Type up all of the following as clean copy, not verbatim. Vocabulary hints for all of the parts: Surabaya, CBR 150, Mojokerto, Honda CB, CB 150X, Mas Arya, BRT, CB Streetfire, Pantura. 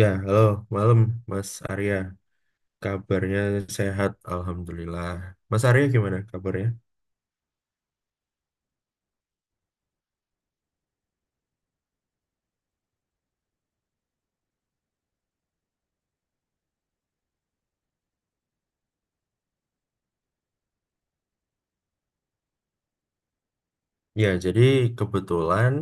Ya, halo, malam Mas Arya. Kabarnya sehat, Alhamdulillah. Mas Arya gimana kabarnya? Ya, jadi kebetulan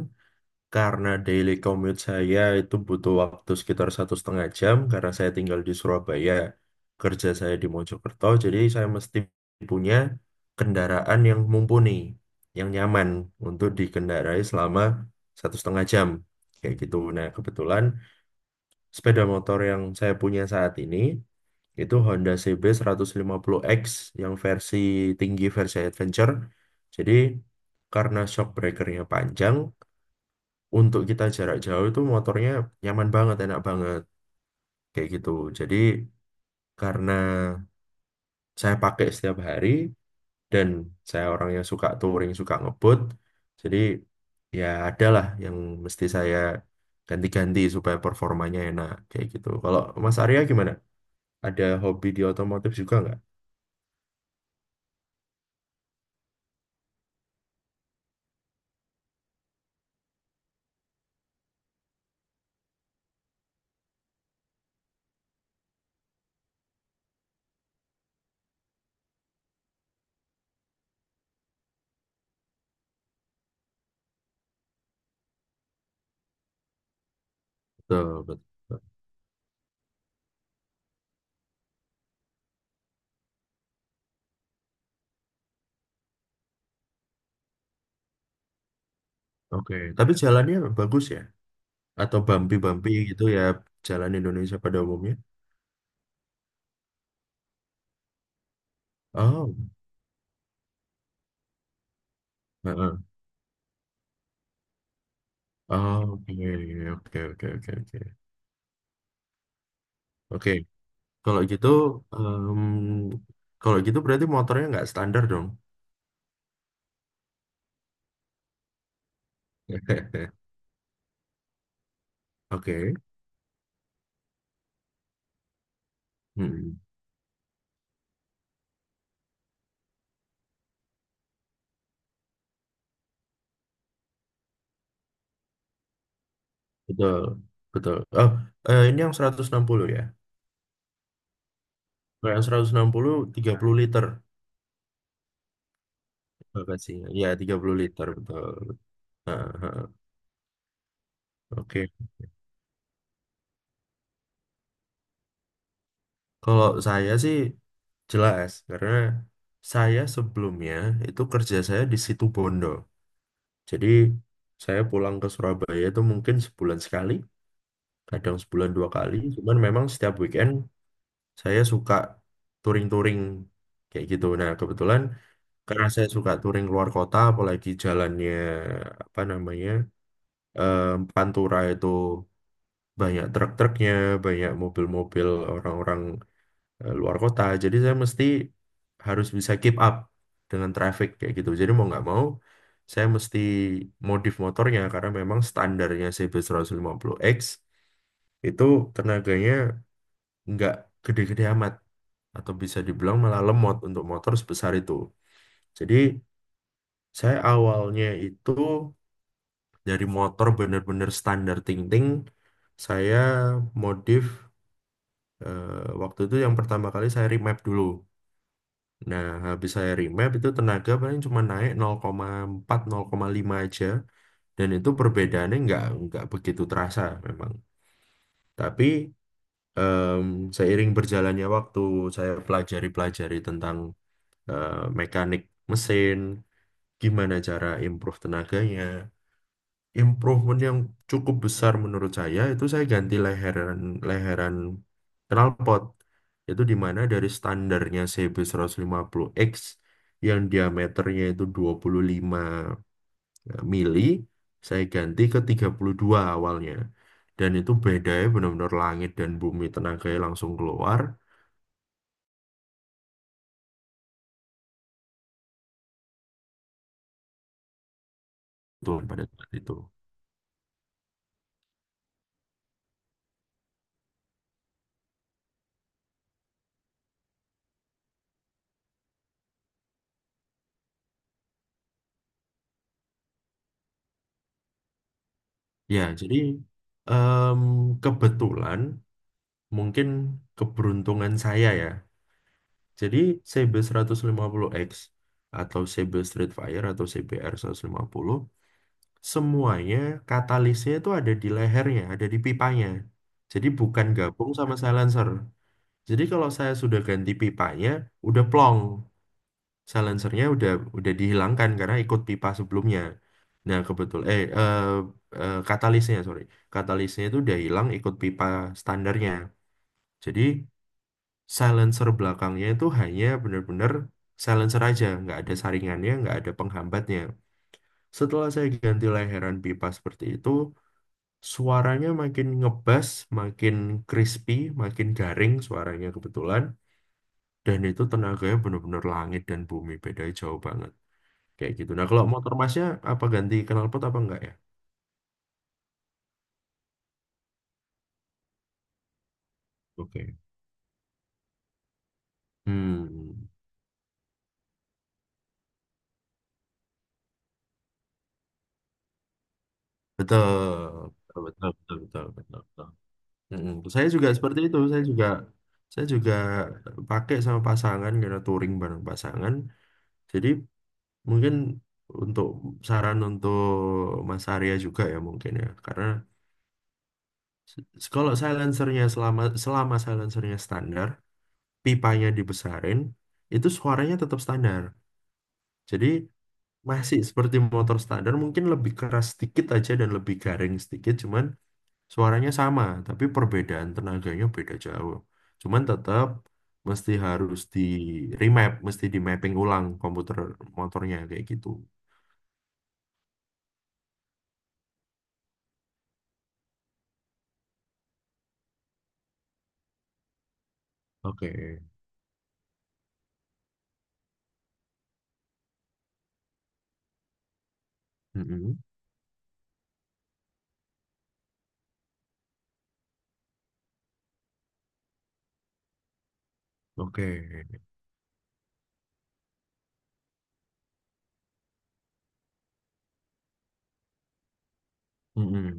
karena daily commute saya itu butuh waktu sekitar 1,5 jam karena saya tinggal di Surabaya, kerja saya di Mojokerto, jadi saya mesti punya kendaraan yang mumpuni, yang nyaman untuk dikendarai selama 1,5 jam, kayak gitu. Nah, kebetulan sepeda motor yang saya punya saat ini itu Honda CB puluh x yang versi tinggi versi adventure. Jadi karena shock breakernya panjang, untuk kita jarak jauh itu motornya nyaman banget, enak banget kayak gitu. Jadi karena saya pakai setiap hari dan saya orang yang suka touring, suka ngebut, jadi ya adalah yang mesti saya ganti-ganti supaya performanya enak kayak gitu. Kalau Mas Arya gimana? Ada hobi di otomotif juga nggak? Betul, betul. Oke, tapi jalannya bagus ya? Atau bumpy-bumpy gitu ya, jalan Indonesia pada umumnya? Oh, heeh. Oh, oke, oke, oke, oke, oke. Oke, kalau gitu, em, kalau gitu berarti motornya nggak standar dong. Oke, hmm, betul, betul. Oh, ini yang 160 ya? Kalau yang 160, 30 liter bagasinya. Ya, 30 liter, betul. Heeh, heeh. Oke, kalau saya sih jelas, karena saya sebelumnya itu kerja saya di situ Bondo. Jadi saya pulang ke Surabaya itu mungkin sebulan sekali, kadang sebulan dua kali. Cuman memang setiap weekend saya suka touring-touring kayak gitu. Nah, kebetulan karena saya suka touring keluar kota, apalagi jalannya apa namanya eh, Pantura itu banyak truk-truknya, banyak mobil-mobil orang-orang luar kota. Jadi saya mesti harus bisa keep up dengan traffic kayak gitu. Jadi mau nggak mau saya mesti modif motornya karena memang standarnya CB 150X itu tenaganya nggak gede-gede amat atau bisa dibilang malah lemot untuk motor sebesar itu. Jadi saya awalnya itu dari motor bener-bener standar ting-ting saya modif waktu itu yang pertama kali saya remap dulu. Nah, habis saya remap itu tenaga paling cuma naik 0,4, 0,5 aja. Dan itu perbedaannya nggak begitu terasa memang. Tapi em, seiring berjalannya waktu, saya pelajari-pelajari tentang mekanik mesin, gimana cara improve tenaganya, improvement yang cukup besar menurut saya itu saya ganti leheran leheran knalpot itu dimana dari standarnya CB 150X yang diameternya itu 25 mili saya ganti ke 32 awalnya dan itu bedanya benar-benar langit dan bumi, tenaganya langsung keluar tuh pada saat itu. Ya jadi em, kebetulan mungkin keberuntungan saya ya. Jadi CB 150X atau CB Streetfire atau CBR 150 semuanya katalisnya itu ada di lehernya, ada di pipanya. Jadi bukan gabung sama silencer. Jadi kalau saya sudah ganti pipanya, udah plong. Silencernya udah dihilangkan karena ikut pipa sebelumnya. Nah, kebetul eh, eh, eh, katalisnya, sorry. Katalisnya itu udah hilang ikut pipa standarnya. Jadi silencer belakangnya itu hanya benar-benar silencer aja, nggak ada saringannya, nggak ada penghambatnya. Setelah saya ganti layaran pipa seperti itu, suaranya makin ngebas, makin crispy, makin garing suaranya kebetulan, dan itu tenaganya benar-benar langit dan bumi, bedanya jauh banget. Kayak gitu. Nah, kalau motor masnya apa ganti knalpot apa enggak ya? Oke. Hmm, betul. Betul, betul, betul, betul, betul. Mm-mm. Saya juga seperti itu. Saya juga pakai sama pasangan karena touring bareng pasangan. Jadi mungkin untuk saran untuk Mas Arya juga ya mungkin ya. Karena kalau silencernya selama selama silencernya standar, pipanya dibesarin, itu suaranya tetap standar. Jadi masih seperti motor standar, mungkin lebih keras sedikit aja dan lebih garing sedikit, cuman suaranya sama, tapi perbedaan tenaganya beda jauh. Cuman tetap mesti harus di remap, mesti di mapping ulang komputer motornya kayak gitu. Oke. Mm-mm. Oke. Mm-mm.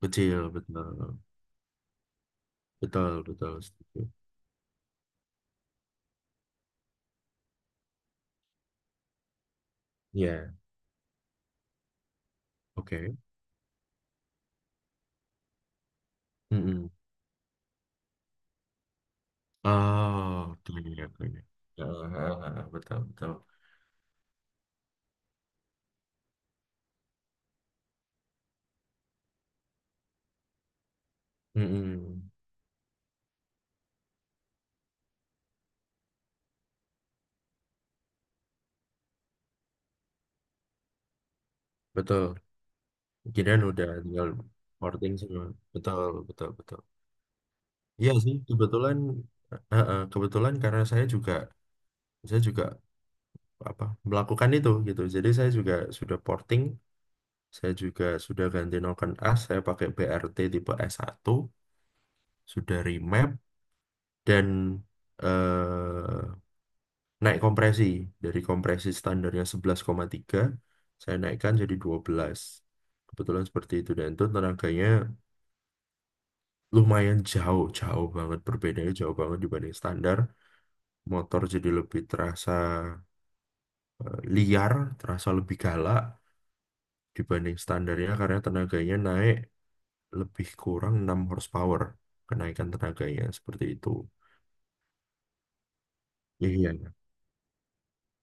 Kecil, betul. Betul, betul. Setuju. Iya, oke. Mm-mm. Oh, gini ya, gini. Ah, ah, ah, betul, betul. Mm-mm. Betul. Kirain udah tinggal porting semua. Betul, betul, betul. Iya sih, kebetulan, kebetulan karena saya juga apa melakukan itu gitu. Jadi saya juga sudah porting, saya juga sudah ganti noken as, saya pakai BRT tipe s satu, sudah remap dan eh, naik kompresi, dari kompresi standarnya 11,3 saya naikkan jadi 12. Kebetulan seperti itu, dan itu tenaganya lumayan jauh, jauh banget, perbedaannya jauh banget dibanding standar. Motor jadi lebih terasa liar, terasa lebih galak dibanding standarnya karena tenaganya naik lebih kurang 6 horsepower, kenaikan tenaganya seperti itu. Iya, iya, iya.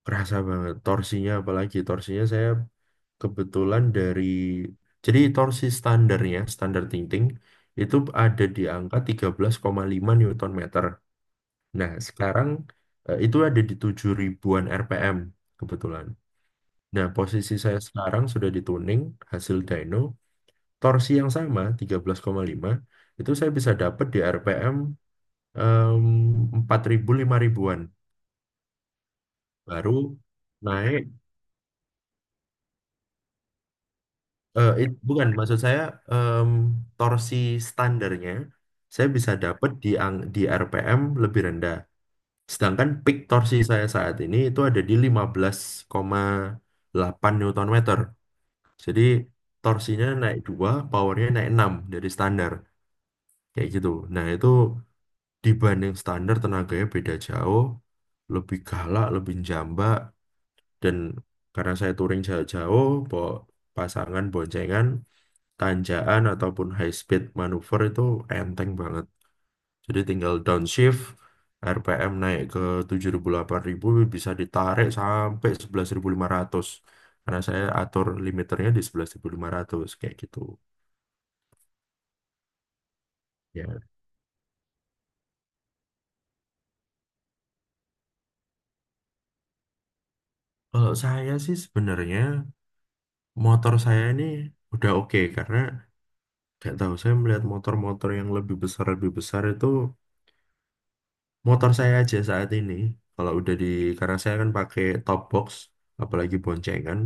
Kerasa banget. Torsinya apalagi, torsinya saya kebetulan dari, jadi torsi standarnya, standar ting-ting, itu ada di angka 13,5 Newton meter. Nah, sekarang itu ada di 7000-an RPM kebetulan. Nah, posisi saya sekarang sudah di tuning, hasil dyno torsi yang sama 13,5 itu saya bisa dapat di RPM em, 4000 5000-an baru naik. Bukan maksud saya, em, torsi standarnya saya bisa dapat di di RPM lebih rendah, sedangkan peak torsi saya saat ini itu ada di 15,8 Newton meter. Jadi torsinya naik 2, powernya naik 6 dari standar, kayak gitu. Nah itu dibanding standar tenaganya beda jauh, lebih galak, lebih jambak, dan karena saya touring jauh-jauh bawa pasangan boncengan, tanjakan ataupun high speed manuver itu enteng banget. Jadi tinggal downshift, RPM naik ke 7000 8000, bisa ditarik sampai 11500 karena saya atur limiternya di 11500, kayak gitu. Ya, kalau saya sih sebenarnya motor saya ini udah oke karena gak tahu, saya melihat motor-motor yang lebih besar itu motor saya aja saat ini. Kalau udah di karena saya kan pakai top box, apalagi boncengan,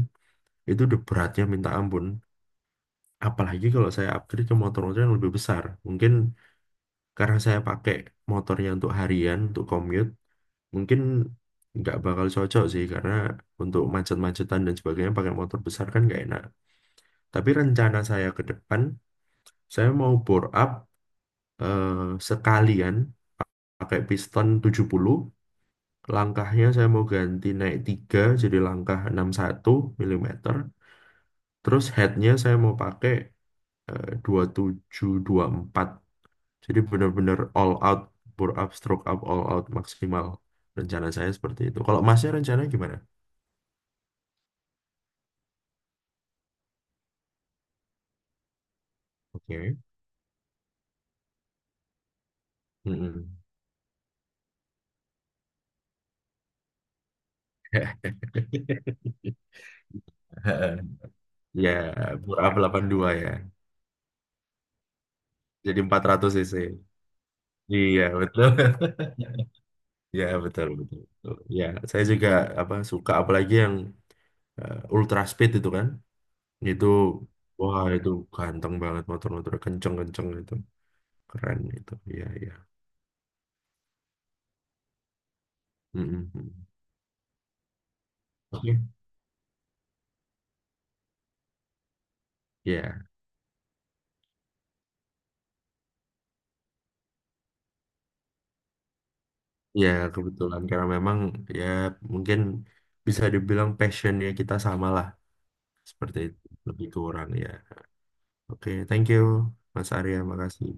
itu udah beratnya minta ampun. Apalagi kalau saya upgrade ke motor-motor yang lebih besar. Mungkin karena saya pakai motornya untuk harian, untuk commute, mungkin nggak bakal cocok sih karena untuk macet-macetan dan sebagainya pakai motor besar kan nggak enak. Tapi rencana saya ke depan, saya mau bore up sekalian, pakai piston 70, langkahnya saya mau ganti naik 3 jadi langkah 61 milimeter, terus headnya saya mau pakai dua tujuh dua empat, jadi benar-benar all out, bore up stroke up all out maksimal. Rencana saya seperti itu, kalau masnya rencana gimana? Oke. Mm-mm. Ya, bore up 82 ya, jadi 400 cc. Iya betul. Ya betul, betul. Betul. Ya, saya juga apa suka apalagi yang ultra speed itu kan, itu wah itu ganteng banget, motor-motor kenceng-kenceng itu keren itu, iya iya. Mm-mm. Oke. Ya, ya kebetulan karena memang ya mungkin bisa dibilang passionnya kita sama lah, seperti itu lebih kurang ya. Oke, thank you Mas Arya, makasih.